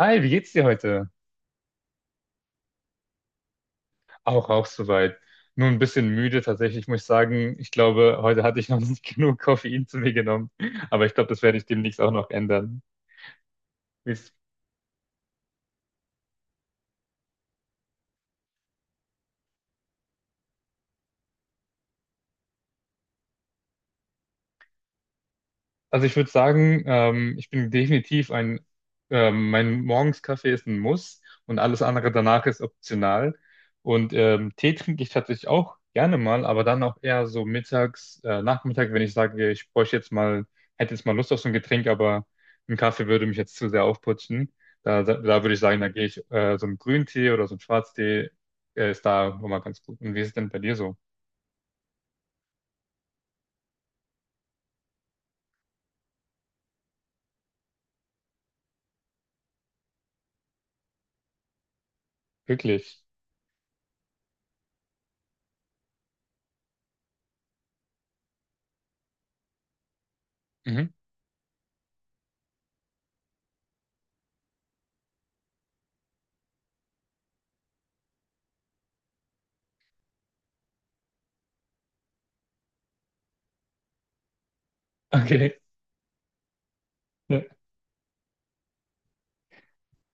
Hi, wie geht's dir heute? Auch soweit. Nur ein bisschen müde tatsächlich, muss ich sagen. Ich glaube, heute hatte ich noch nicht genug Koffein zu mir genommen. Aber ich glaube, das werde ich demnächst auch noch ändern. Also ich würde sagen, ich bin definitiv ein, mein Morgenskaffee ist ein Muss und alles andere danach ist optional. Und Tee trinke ich tatsächlich auch gerne mal, aber dann auch eher so mittags, Nachmittag, wenn ich sage, ich bräuchte jetzt mal, hätte jetzt mal Lust auf so ein Getränk, aber ein Kaffee würde mich jetzt zu sehr aufputschen. Da würde ich sagen, da gehe ich so einen Grüntee oder so einen Schwarztee, ist da immer ganz gut. Und wie ist es denn bei dir so? Wirklich? Mhm. Okay.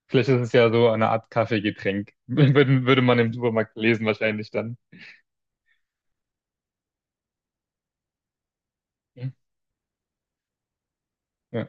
Vielleicht ist es ja so eine Art Kaffeegetränk. Würde man im Supermarkt lesen, wahrscheinlich dann. Ja, ja.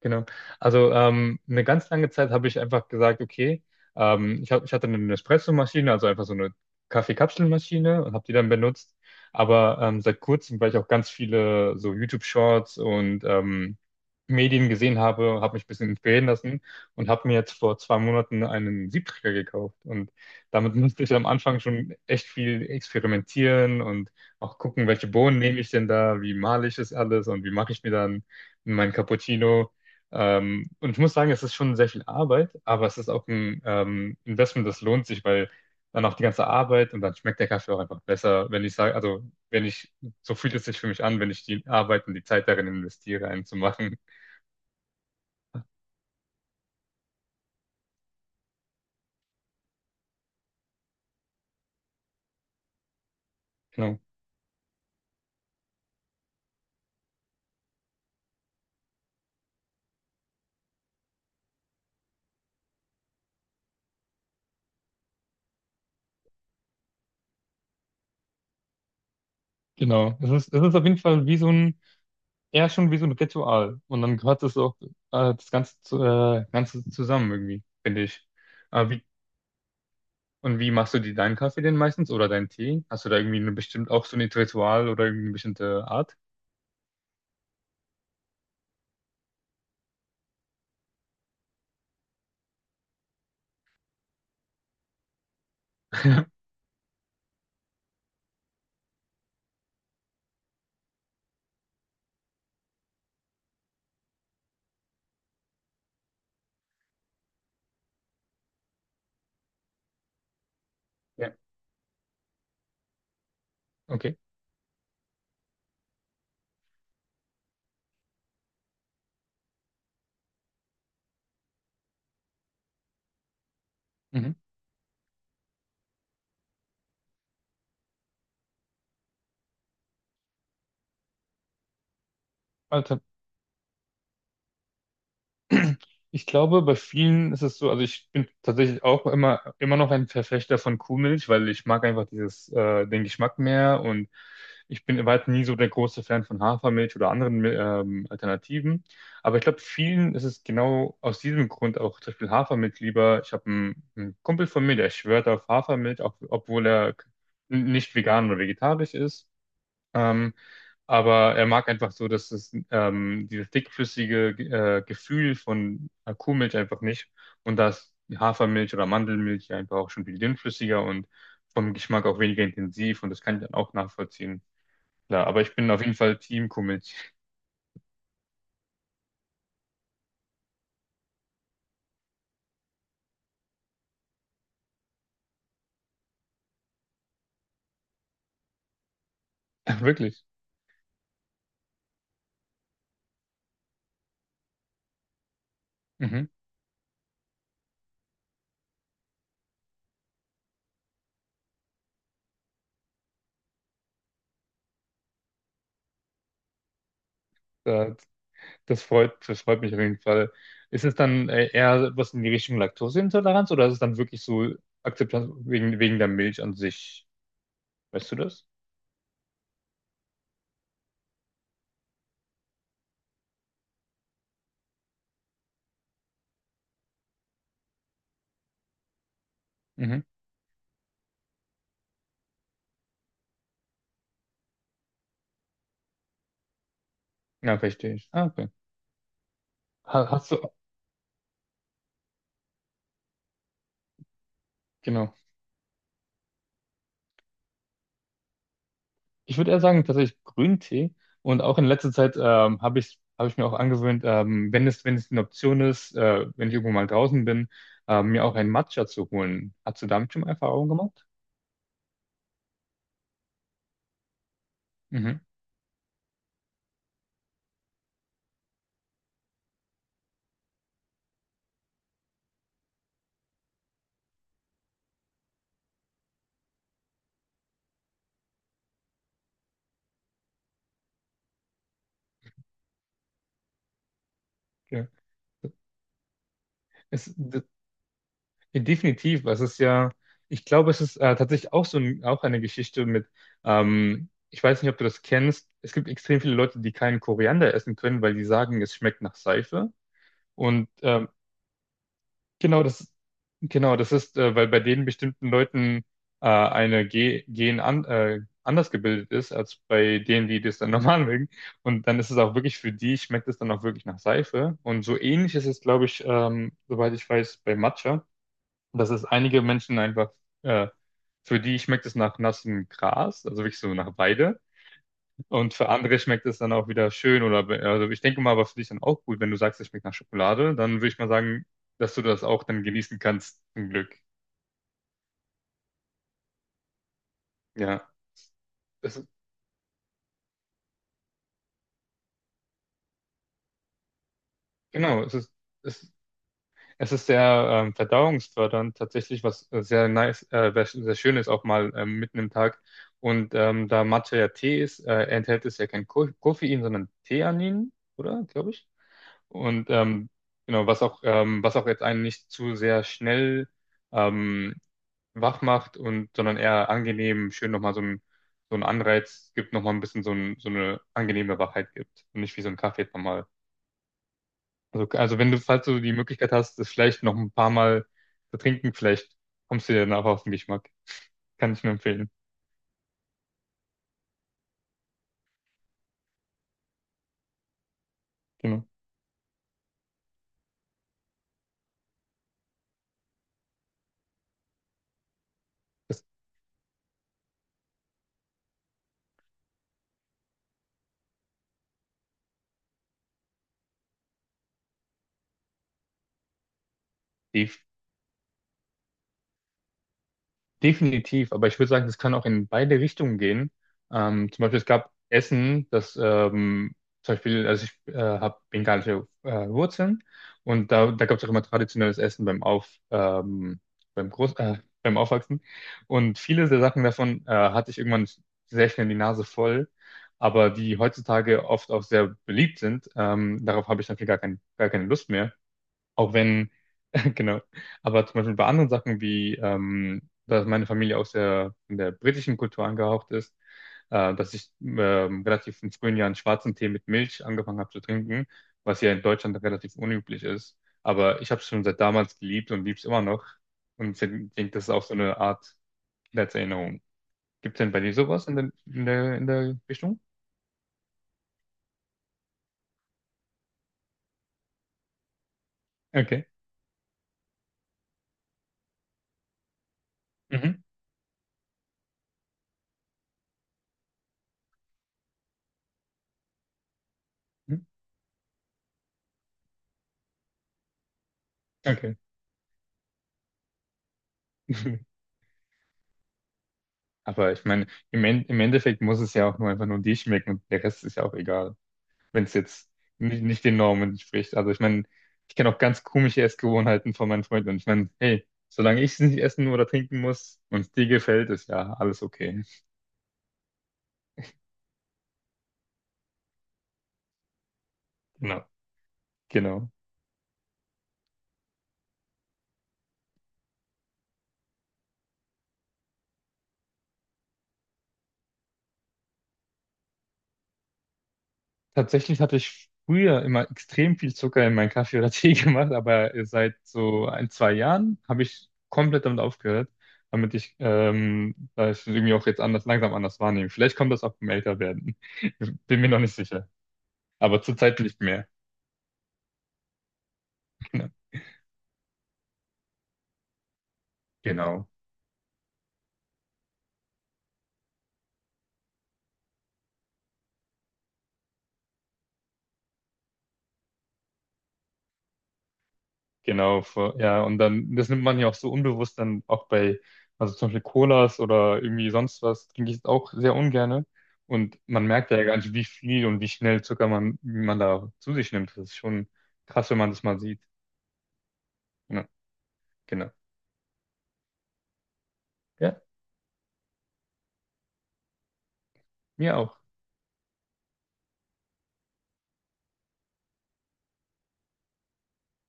Genau. Also eine ganz lange Zeit habe ich einfach gesagt, okay, ich hatte eine Nespresso-Maschine, also einfach so eine Kaffeekapselmaschine und habe die dann benutzt. Aber seit kurzem, weil ich auch ganz viele so YouTube-Shorts und Medien gesehen habe, habe mich ein bisschen inspirieren lassen und habe mir jetzt vor zwei Monaten einen Siebträger gekauft. Und damit musste ich am Anfang schon echt viel experimentieren und auch gucken, welche Bohnen nehme ich denn da, wie male ich das alles und wie mache ich mir dann mein Cappuccino. Und ich muss sagen, es ist schon sehr viel Arbeit, aber es ist auch ein Investment, das lohnt sich, weil dann auch die ganze Arbeit und dann schmeckt der Kaffee auch einfach besser, wenn ich sage, also wenn ich, so fühlt es sich für mich an, wenn ich die Arbeit und die Zeit darin investiere, einen zu machen. Genau. Genau. Es ist auf jeden Fall wie so ein, eher schon wie so ein Ritual. Und dann gehört es auch das Ganze, zu, Ganze zusammen irgendwie, finde ich. Aber wie, und wie machst du dir deinen Kaffee denn meistens oder deinen Tee? Hast du da irgendwie eine bestimmt auch so ein Ritual oder irgendwie eine bestimmte Art? Ja, okay. Mhm. Also, ich glaube, bei vielen ist es so, also ich bin tatsächlich auch immer, immer noch ein Verfechter von Kuhmilch, weil ich mag einfach dieses, den Geschmack mehr und ich bin weit nie so der große Fan von Hafermilch oder anderen Alternativen. Aber ich glaube, vielen ist es genau aus diesem Grund auch zum Beispiel Hafermilch lieber. Ich habe einen Kumpel von mir, der schwört auf Hafermilch, auch, obwohl er nicht vegan oder vegetarisch ist. Ähm, aber er mag einfach so, dass es dieses dickflüssige Gefühl von Kuhmilch einfach nicht. Und da ist Hafermilch oder Mandelmilch ja einfach auch schon viel dünnflüssiger und vom Geschmack auch weniger intensiv. Und das kann ich dann auch nachvollziehen. Klar, aber ich bin auf jeden Fall Team Kuhmilch. Ach, wirklich. Mhm. Da- das freut mich auf jeden Fall. Ist es dann eher was in die Richtung Laktoseintoleranz oder ist es dann wirklich so Akzeptanz wegen der Milch an sich? Weißt du das? Mhm. Ja, verstehe ich. Ah, Ha- Hast du, genau. Ich würde eher sagen, tatsächlich Grüntee. Und auch in letzter Zeit habe ich mir auch angewöhnt, wenn es eine Option ist, wenn ich irgendwo mal draußen bin, mir auch einen Matcha zu holen. Hast du damit schon mal Erfahrungen gemacht? Mhm. Ja. Es, d- ja, definitiv. Es ist ja, ich glaube, es ist tatsächlich auch so ein, auch eine Geschichte mit, ich weiß nicht, ob du das kennst. Es gibt extrem viele Leute, die keinen Koriander essen können, weil die sagen, es schmeckt nach Seife. Und genau, das, genau, das ist, weil bei den bestimmten Leuten eine Ge Gen an, anders gebildet ist, als bei denen, die das dann normal mögen. Und dann ist es auch wirklich für die, schmeckt es dann auch wirklich nach Seife. Und so ähnlich ist es, glaube ich, soweit ich weiß, bei Matcha, dass es einige Menschen einfach, äh, für die schmeckt es nach nassem Gras, also wirklich so nach Weide. Und für andere schmeckt es dann auch wieder schön oder, also ich denke mal, aber für dich dann auch gut, wenn du sagst, es schmeckt nach Schokolade, dann würde ich mal sagen, dass du das auch dann genießen kannst, zum Glück. Ja, es ist, genau, es ist, es, es ist sehr verdauungsfördernd tatsächlich, was sehr nice, was sehr schön ist, auch mal mitten im Tag. Und da Matcha ja Tee ist, enthält es ja kein Ko Koffein, sondern Theanin, oder? Glaube ich. Und genau, was auch jetzt einen nicht zu sehr schnell ähm, wach macht und, sondern eher angenehm, schön nochmal so ein Anreiz gibt, nochmal ein bisschen so, ein, so eine angenehme Wachheit gibt und nicht wie so ein Kaffee jetzt nochmal. Also wenn du, falls du die Möglichkeit hast, das vielleicht noch ein paar Mal zu trinken, vielleicht kommst du dir danach auf den Geschmack. Kann ich nur empfehlen. Genau. Das die, Definitiv, aber ich würde sagen, das kann auch in beide Richtungen gehen. Zum Beispiel, es gab Essen, das zum Beispiel, also ich habe bengalische Wurzeln und da gab es auch immer traditionelles Essen beim Auf, beim Groß, beim Aufwachsen. Und viele der Sachen davon hatte ich irgendwann sehr schnell die Nase voll, aber die heutzutage oft auch sehr beliebt sind, darauf habe ich natürlich gar keine Lust mehr. Auch wenn, genau. Aber zum Beispiel bei anderen Sachen wie, dass meine Familie auch sehr in der britischen Kultur angehaucht ist, dass ich relativ in frühen Jahren schwarzen Tee mit Milch angefangen habe zu trinken, was ja in Deutschland relativ unüblich ist. Aber ich habe es schon seit damals geliebt und liebe es immer noch. Und ich denke, das ist auch so eine Art Kindheitserinnerung. Gibt es denn bei dir sowas in der Richtung? Okay. Mhm. Mhm. Okay. Aber ich meine, im Endeffekt muss es ja auch nur einfach nur dir schmecken und der Rest ist ja auch egal, wenn es jetzt nicht, nicht den Normen entspricht. Also ich meine, ich kenne auch ganz komische Essgewohnheiten von meinen Freunden und ich meine, hey, solange ich es nicht essen oder trinken muss und es dir gefällt, ist ja alles okay. Genau, genau. Tatsächlich hatte ich früher immer extrem viel Zucker in meinen Kaffee oder Tee gemacht, aber seit so ein, zwei Jahren habe ich komplett damit aufgehört, damit ich, da ich es irgendwie auch jetzt anders, langsam anders wahrnehme. Vielleicht kommt das auch beim Älterwerden. Bin mir noch nicht sicher. Aber zurzeit nicht mehr. Genau. Genau, ja, und dann, das nimmt man ja auch so unbewusst dann auch bei, also zum Beispiel Colas oder irgendwie sonst was, trinke ich es auch sehr ungerne. Und man merkt ja gar nicht, wie viel und wie schnell Zucker wie man da zu sich nimmt. Das ist schon krass, wenn man das mal sieht. Ja, genau. Ja, mir auch.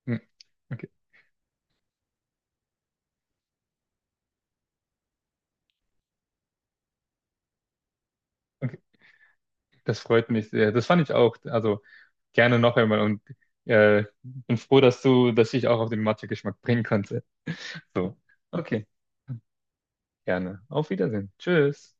Hm, okay, okay. Das freut mich sehr. Das fand ich auch. Also gerne noch einmal und bin froh, dass ich auch auf den Mathe-Geschmack bringen konnte. So, okay, gerne. Auf Wiedersehen. Tschüss.